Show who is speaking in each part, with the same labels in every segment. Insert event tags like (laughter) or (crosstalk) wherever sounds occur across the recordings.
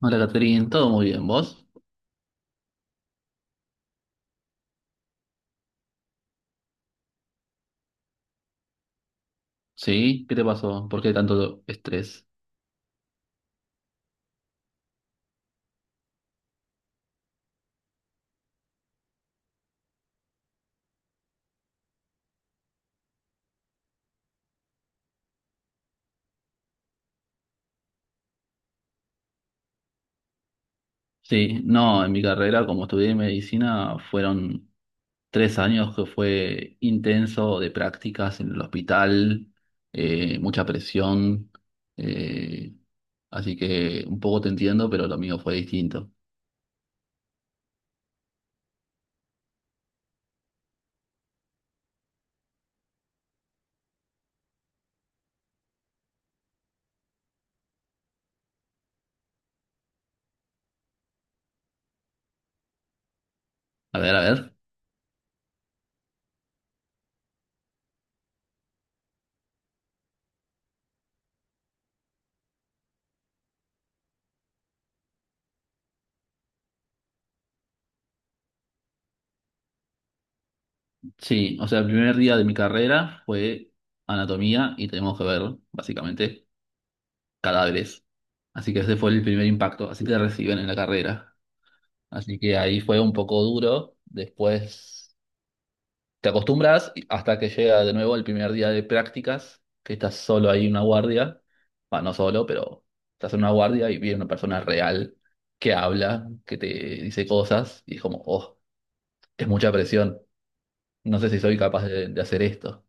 Speaker 1: Hola, Catherine, todo muy bien, ¿vos? Sí, ¿qué te pasó? ¿Por qué tanto estrés? Sí, no, en mi carrera, como estudié medicina, fueron 3 años que fue intenso de prácticas en el hospital, mucha presión, eh, así que un poco te entiendo, pero lo mío fue distinto. A ver, a ver. Sí, o sea, el primer día de mi carrera fue anatomía y tenemos que ver, básicamente, cadáveres. Así que ese fue el primer impacto, así te reciben en la carrera. Así que ahí fue un poco duro, después te acostumbras hasta que llega de nuevo el primer día de prácticas, que estás solo ahí en una guardia, bueno, no solo, pero estás en una guardia y viene una persona real que habla, que te dice cosas y es como, oh, es mucha presión, no sé si soy capaz de hacer esto.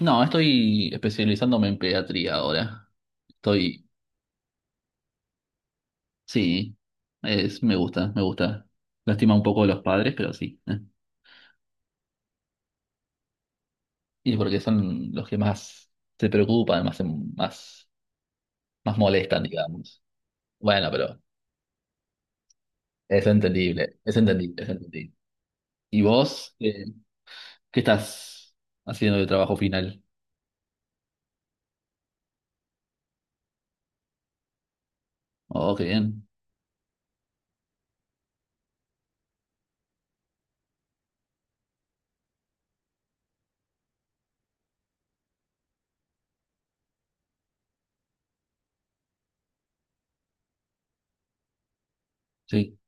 Speaker 1: No, estoy especializándome en pediatría ahora. Estoy Sí, es, me gusta, me gusta. Lástima un poco a los padres, pero sí. Y porque son los que más se preocupan, más, más, más molestan, digamos. Bueno, pero es entendible, es entendible, es entendible. ¿Y vos qué, estás haciendo de trabajo final? Oh, qué bien. Sí.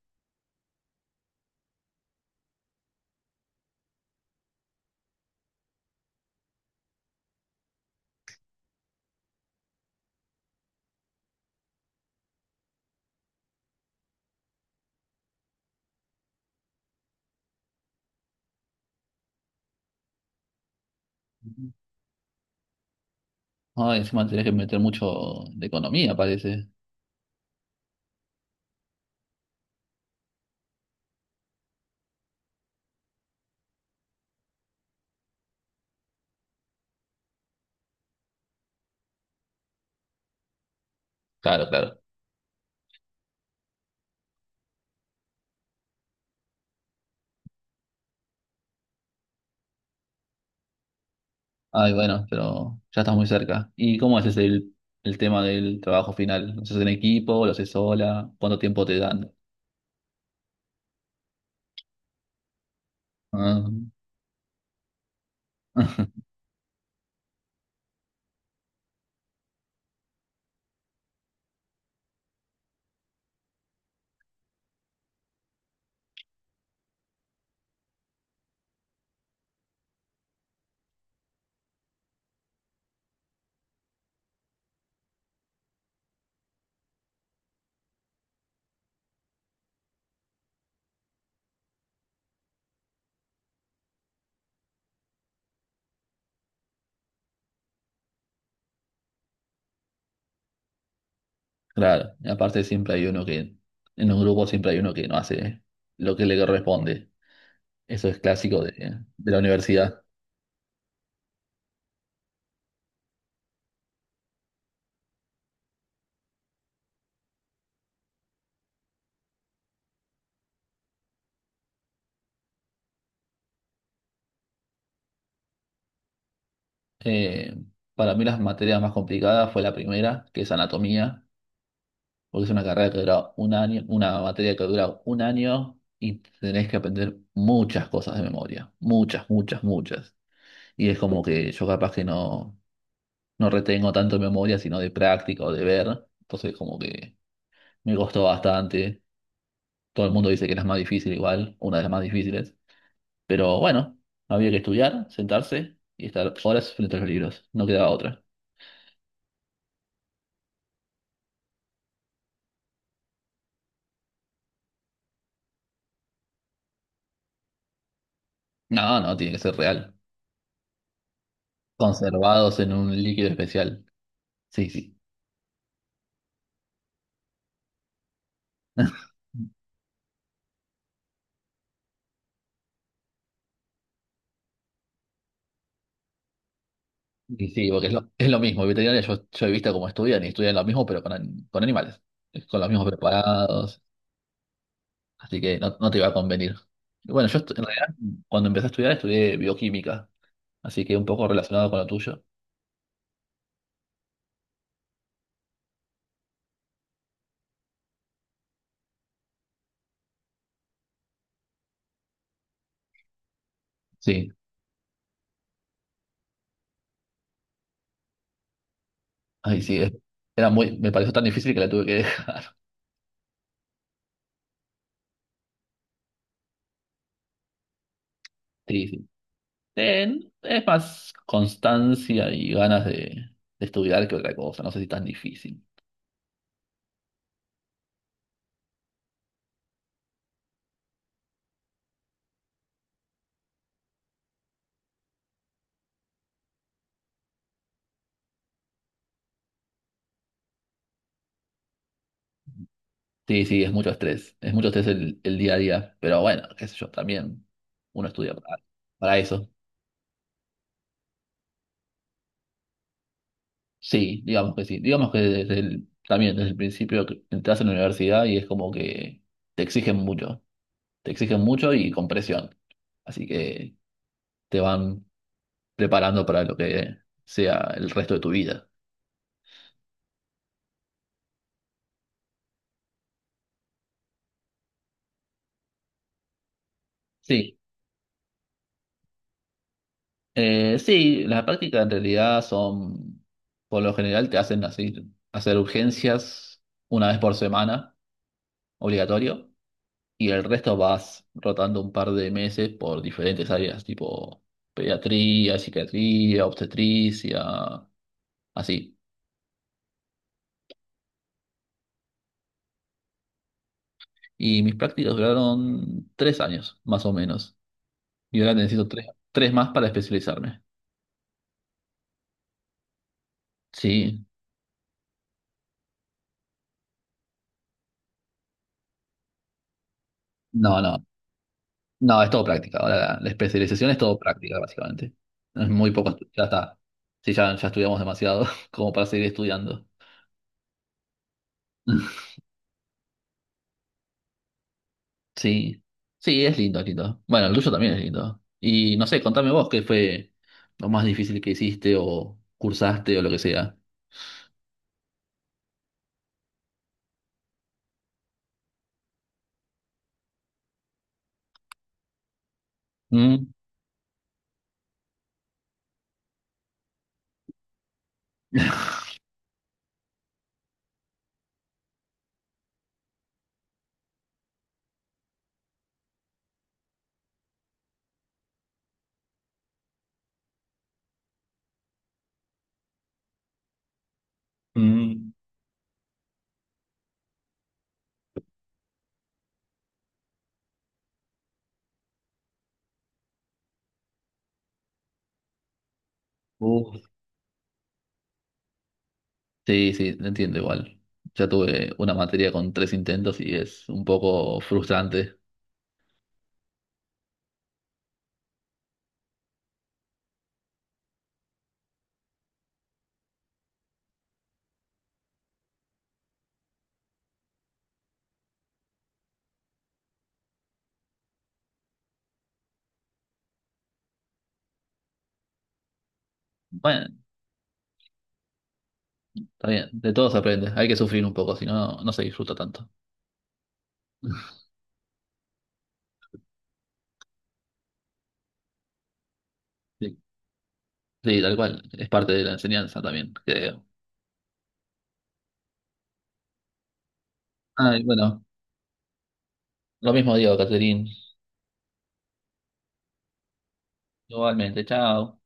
Speaker 1: Ay, encima tenés que meter mucho de economía, parece. Claro, claro. Ay, bueno, pero ya estás muy cerca. ¿Y cómo haces el tema del trabajo final? ¿Lo haces en equipo? ¿Lo haces sola? ¿Cuánto tiempo te dan? Ah, (laughs) Claro, y aparte siempre hay uno que, en un grupo siempre hay uno que no hace lo que le corresponde. Eso es clásico de la universidad. Eh, para mí las materias más complicadas fue la primera, que es anatomía, porque es una carrera que dura un año, una materia que dura un año y tenés que aprender muchas cosas de memoria, muchas, muchas, muchas. Y es como que yo capaz que no retengo tanto de memoria, sino de práctica o de ver. Entonces como que me costó bastante. Todo el mundo dice que es la más difícil igual, una de las más difíciles. Pero bueno, había que estudiar, sentarse y estar horas frente a los libros. No quedaba otra. No, no, tiene que ser real. Conservados en un líquido especial. Sí, sí. (laughs) Y sí, porque es lo mismo. Veterinaria yo he visto cómo estudian y estudian lo mismo, pero con animales. Con los mismos preparados. Así que no, no te iba a convenir. Y bueno, en realidad, cuando empecé a estudiar, estudié bioquímica, así que un poco relacionado con lo tuyo. Sí, ay, sí, era muy, me pareció tan difícil que la tuve que dejar. (laughs) Sí, sí. Es más constancia y ganas de estudiar que otra cosa, no sé si tan difícil. Sí, sí, es mucho estrés el día a día, pero bueno, qué sé yo, también uno estudia para eso. Sí. Digamos que también desde el principio que entras en la universidad y es como que te exigen mucho. Te exigen mucho y con presión. Así que te van preparando para lo que sea el resto de tu vida. Sí, sí, las prácticas en realidad son, por lo general te hacen así, hacer urgencias una vez por semana, obligatorio. Y el resto vas rotando un par de meses por diferentes áreas, tipo pediatría, psiquiatría, obstetricia, así. Y mis prácticas duraron 3 años, más o menos. Y ahora necesito tres más para especializarme. Sí, no, no, no, es todo práctica. Ahora la especialización es todo práctica, básicamente. Es muy poco, ya está. Sí, ya, ya estudiamos demasiado (laughs) como para seguir estudiando. (laughs) Sí, sí, es lindo, es lindo. Bueno, el tuyo también es lindo. Y no sé, contame vos qué fue lo más difícil que hiciste o cursaste o lo que sea. Mm. Mm. Uf. Sí, sí, te entiendo igual. Ya tuve una materia con tres intentos y es un poco frustrante. Bueno, está bien, de todo se aprende. Hay que sufrir un poco, si no, no se disfruta tanto. (laughs) Sí, sí, tal cual. Es parte de la enseñanza también, creo. Ay, bueno, lo mismo digo, Caterín. Igualmente, chao.